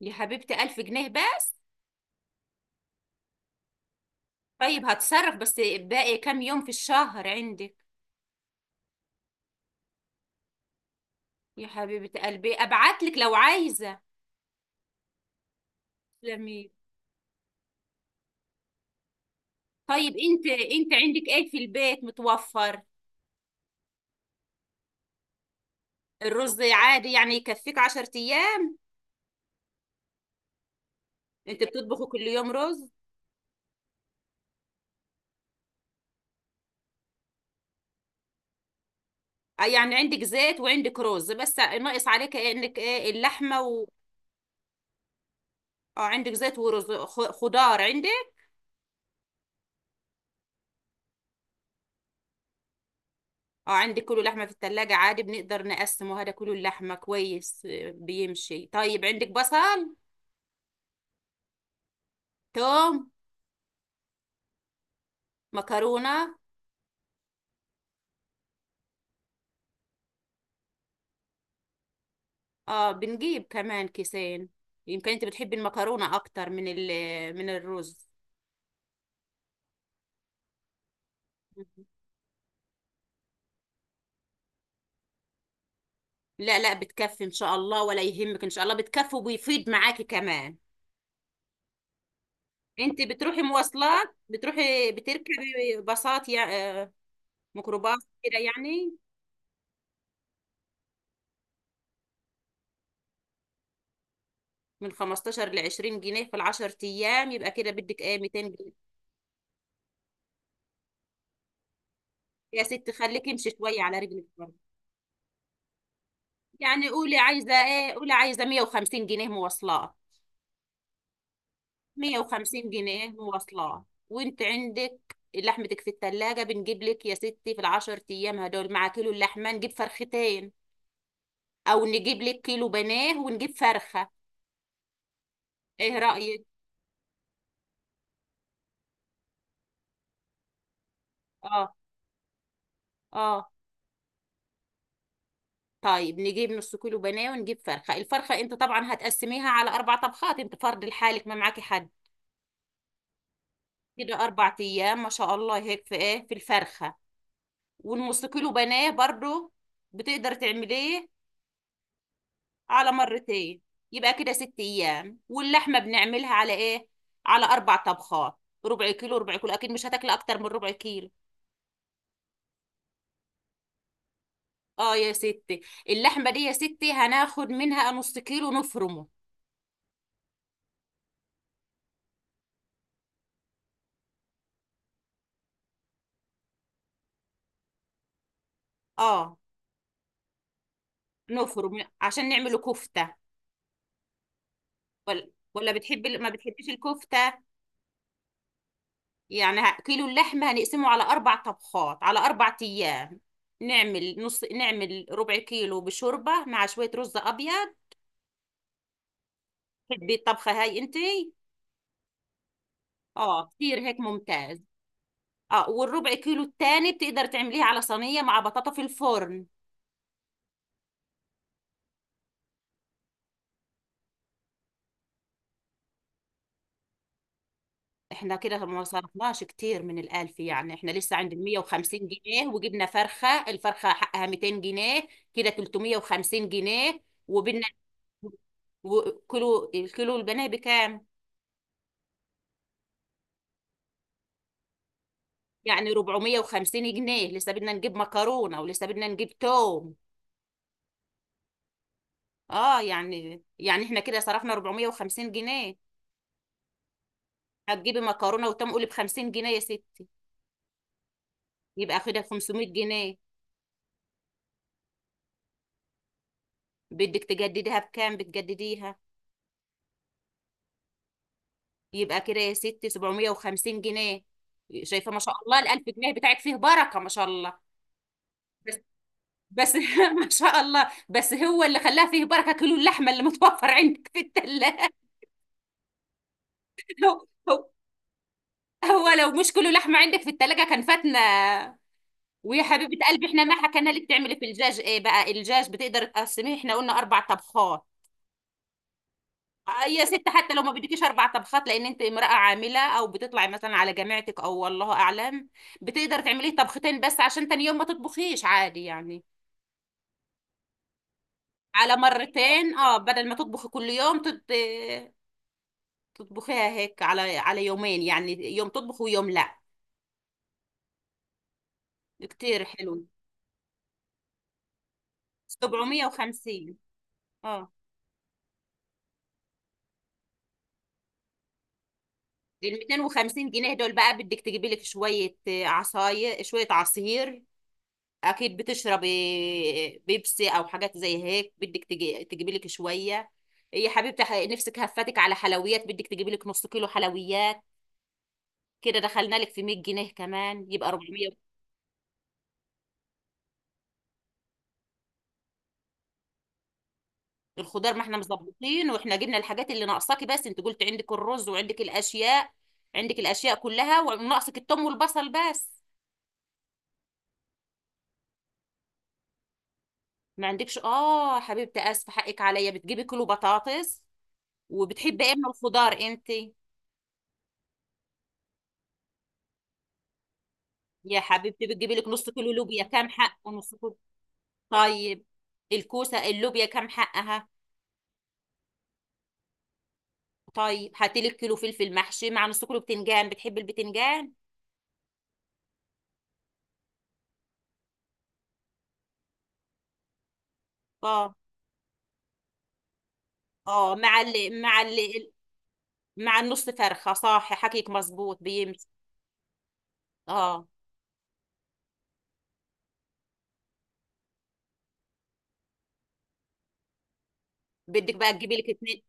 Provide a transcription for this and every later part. يا حبيبتي، ألف جنيه بس؟ طيب هتصرف، بس باقي كام يوم في الشهر عندك؟ يا حبيبة قلبي، أبعت لك لو عايزة. تسلمي. طيب أنت عندك إيه في البيت متوفر؟ الرز عادي، يعني يكفيك عشر أيام؟ أنت بتطبخي كل يوم رز؟ يعني عندك زيت وعندك رز، بس ناقص عليك إيه؟ إنك إيه، اللحمة و... اه، عندك زيت ورز، خضار عندك؟ اه، عندك كله لحمة في التلاجة، عادي بنقدر نقسمه، هذا كله اللحمة كويس. بيمشي. طيب عندك بصل؟ توم؟ مكرونة؟ اه، بنجيب كمان كيسين. يمكن انت بتحبي المكرونة اكتر من من الرز. لا لا، بتكفي ان شاء الله، ولا يهمك، ان شاء الله بتكفي وبيفيد معاكي كمان. انت بتروحي مواصلات؟ بتروحي بتركبي باصات يا آه، ميكروباص كده يعني؟ من 15 ل 20 جنيه في العشر ايام، يبقى كده بدك ايه، 200 جنيه؟ يا ستي خليكي امشي شويه على رجلك برضه. يعني قولي عايزه ايه، قولي عايزه 150 جنيه مواصلات. 150 جنيه مواصلات، وانت عندك لحمتك في التلاجة، بنجيب لك يا ستي في العشر ايام هدول مع كيلو اللحمة نجيب فرختين، او نجيب لك كيلو بناه ونجيب فرخة. ايه رأيك؟ اه اه. طيب نجيب نص كيلو بناه ونجيب فرخة. الفرخة انت طبعا هتقسميها على اربع طبخات، انت فرد لحالك، ما معاكي حد. كده اربع ايام، ما شاء الله، هيك في ايه في الفرخة. والنص كيلو بناه برضو بتقدر تعمليه على مرتين. يبقى كده ست ايام، واللحمه بنعملها على ايه؟ على اربع طبخات. ربع كيلو، ربع كيلو، اكيد مش هتاكل اكتر من ربع كيلو. اه يا ستي، اللحمه دي يا ستي هناخد منها نص كيلو نفرمه. اه، نفرم عشان نعمله كفته. ولا ولا بتحبي، ما بتحبيش الكفته؟ يعني كيلو اللحمه هنقسمه على اربع طبخات على اربع ايام. نعمل نص، نعمل ربع كيلو بشوربه مع شويه رز ابيض. تحبي الطبخه هاي انتي؟ اه، كتير هيك ممتاز. اه، والربع كيلو التاني بتقدر تعمليها على صينية مع بطاطا في الفرن. احنا كده ما صرفناش كتير من الألف، يعني احنا لسه عند 150 جنيه وجبنا فرخة، الفرخة حقها 200 جنيه، كده 350 جنيه. وبدنا، وكيلو، الكيلو البانيه بكام؟ يعني 450 جنيه، لسه بدنا نجيب مكرونة ولسه بدنا نجيب توم. اه، يعني احنا كده صرفنا 450 جنيه. هتجيبي مكرونة وتوم قولي ب 50 جنيه يا ستي. يبقى كده 500 جنيه. بدك تجدديها بكام بتجدديها؟ يبقى كده يا ستي 750 جنيه. شايفه، ما شاء الله، الألف جنيه بتاعك فيه بركه، ما شاء الله. بس بس ما شاء الله، بس هو اللي خلاها فيه بركه كيلو اللحمه اللي متوفر عندك في الثلاجه. هو هو- هو لو مش كيلو لحمه عندك في الثلاجه كان فاتنا. ويا حبيبه قلبي، احنا ما حكينا لك تعملي في الدجاج ايه بقى. الدجاج بتقدر تقسميه، احنا قلنا اربع طبخات. يا ست، حتى لو ما بدكيش اربع طبخات، لان انت امرأة عاملة او بتطلعي مثلا على جامعتك او والله اعلم، بتقدر تعملي طبختين بس عشان تاني يوم ما تطبخيش، عادي يعني. على مرتين، اه، بدل ما تطبخي كل يوم تطبخيها هيك على يومين، يعني يوم تطبخ ويوم لا. كتير حلو. 750. اه، ال 250 جنيه دول بقى بدك تجيبي لك شوية عصاير، شوية عصير، اكيد بتشربي بيبسي او حاجات زي هيك، بدك تجيبي لك شويه إيه يا حبيبتي، نفسك هفتك على حلويات، بدك تجيبي لك نص كيلو حلويات. كده دخلنا لك في 100 جنيه كمان، يبقى 400. الخضار ما احنا مظبطين، واحنا جبنا الحاجات اللي ناقصاكي، بس انت قلت عندك الرز وعندك الاشياء، عندك الاشياء كلها، وناقصك التوم والبصل بس. ما عندكش؟ اه حبيبتي، اسفه، حقك عليا. بتجيبي كيلو بطاطس، وبتحبي ايه من الخضار انت؟ يا حبيبتي، بتجيبي لك نص كيلو لوبيا، كام حق ونص؟ طيب الكوسة اللوبيا كام حقها؟ طيب هاتلي الكيلو فلفل محشي مع نص كيلو بتنجان. بتحب البتنجان؟ اه اه. مع النص فرخة، صح حكيك مظبوط، بيمشي. اه، بدك بقى تجيبي لك اتنين،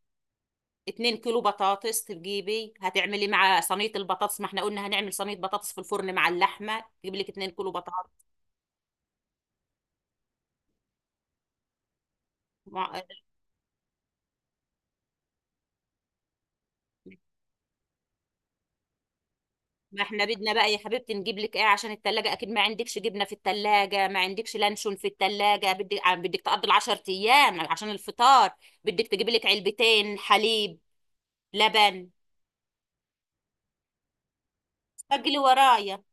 اتنين كيلو بطاطس تجيبي، هتعملي مع صينية البطاطس، ما احنا قلنا هنعمل صينية بطاطس في الفرن مع اللحمة، تجيبي لك اتنين كيلو بطاطس. مع... ما احنا بدنا بقى يا حبيبتي نجيب لك ايه عشان التلاجة، اكيد ما عندكش جبنة في التلاجة، ما عندكش لانشون في التلاجة، بدك تقضي العشر ايام عشان الفطار. بدك تجيب لك علبتين حليب، لبن. سجلي ورايا.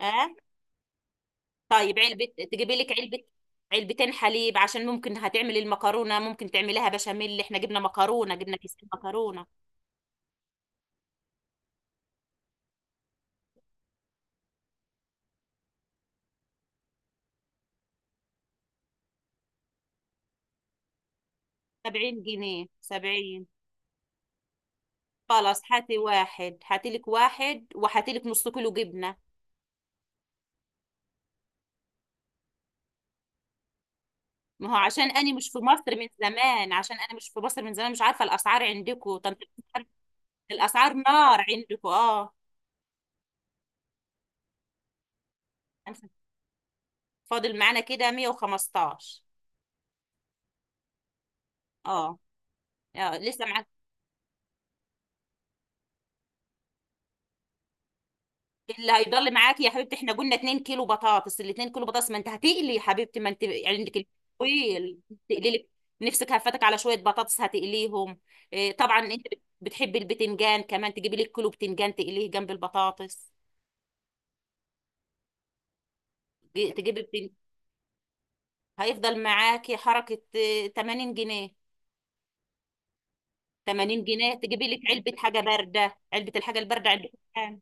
اه، طيب علبة، تجيبي لك علبة، علبتين حليب عشان ممكن هتعملي المكرونة، ممكن تعمليها بشاميل، احنا جبنا مكرونة، جبنا كيسين مكرونة. 70 جنيه، 70. خلاص هاتي واحد، هاتي لك واحد، وهاتي لك نص كيلو جبنة. ما هو عشان أنا مش في مصر من زمان، عشان أنا مش في مصر من زمان مش عارفة الأسعار عندكم طنط. الأسعار، نار عندكم، اه. فاضل معانا كده 115. اه اه، لسه معاك. اللي هيضل معاك يا حبيبتي، احنا قلنا 2 كيلو بطاطس، ال 2 كيلو بطاطس ما انت هتقلي يا حبيبتي، ما انت عندك طويل، تقلي لك، نفسك هفتك على شويه بطاطس هتقليهم. طبعا انت بتحبي البتنجان كمان، تجيبي لك كيلو بتنجان تقليه جنب البطاطس. تجيبي هيفضل معاكي حركة. 80 جنيه. 80 جنيه، تجيبي لك علبة حاجة باردة، علبة الحاجة الباردة عندك بكام؟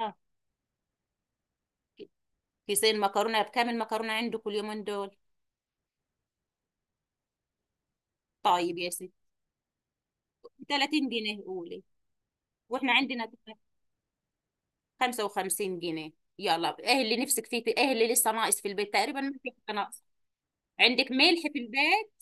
آه، كيسين مكرونة بكام المكرونة عندك اليومين دول؟ طيب يا ستي 30 جنيه قولي. واحنا عندنا 55 جنيه. يلا، ايه اللي نفسك فيه، ايه اللي لسه ناقص في البيت، تقريبا ما في حاجة ناقصة. عندك ملح في البيت؟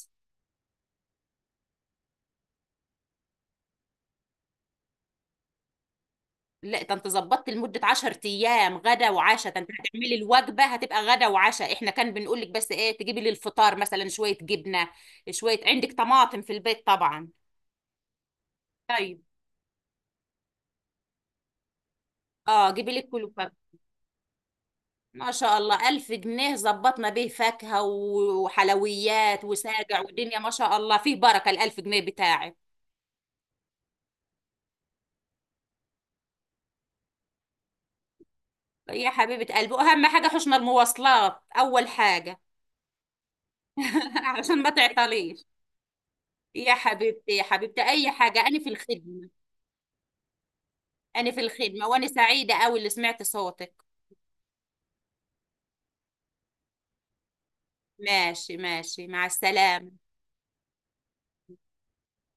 لا، ده انت ظبطت لمدة 10 ايام غدا وعشاء، ده انت هتعملي الوجبة هتبقى غدا وعشاء، احنا كان بنقول لك بس ايه تجيبي لي الفطار، مثلا شوية جبنة، شوية، عندك طماطم في البيت طبعا. طيب، اه، جيبي لك كله فاكهة. ما شاء الله، ألف جنيه ظبطنا بيه فاكهة وحلويات وساجع ودنيا، ما شاء الله فيه بركة الألف جنيه بتاعك. يا حبيبة قلبي، أهم حاجة حشنا المواصلات أول حاجة. عشان ما تعطليش. يا حبيبتي، أي حاجة أنا في الخدمة. أنا في الخدمة، وأنا سعيدة أوي اللي سمعت صوتك. ماشي ماشي، مع السلامة.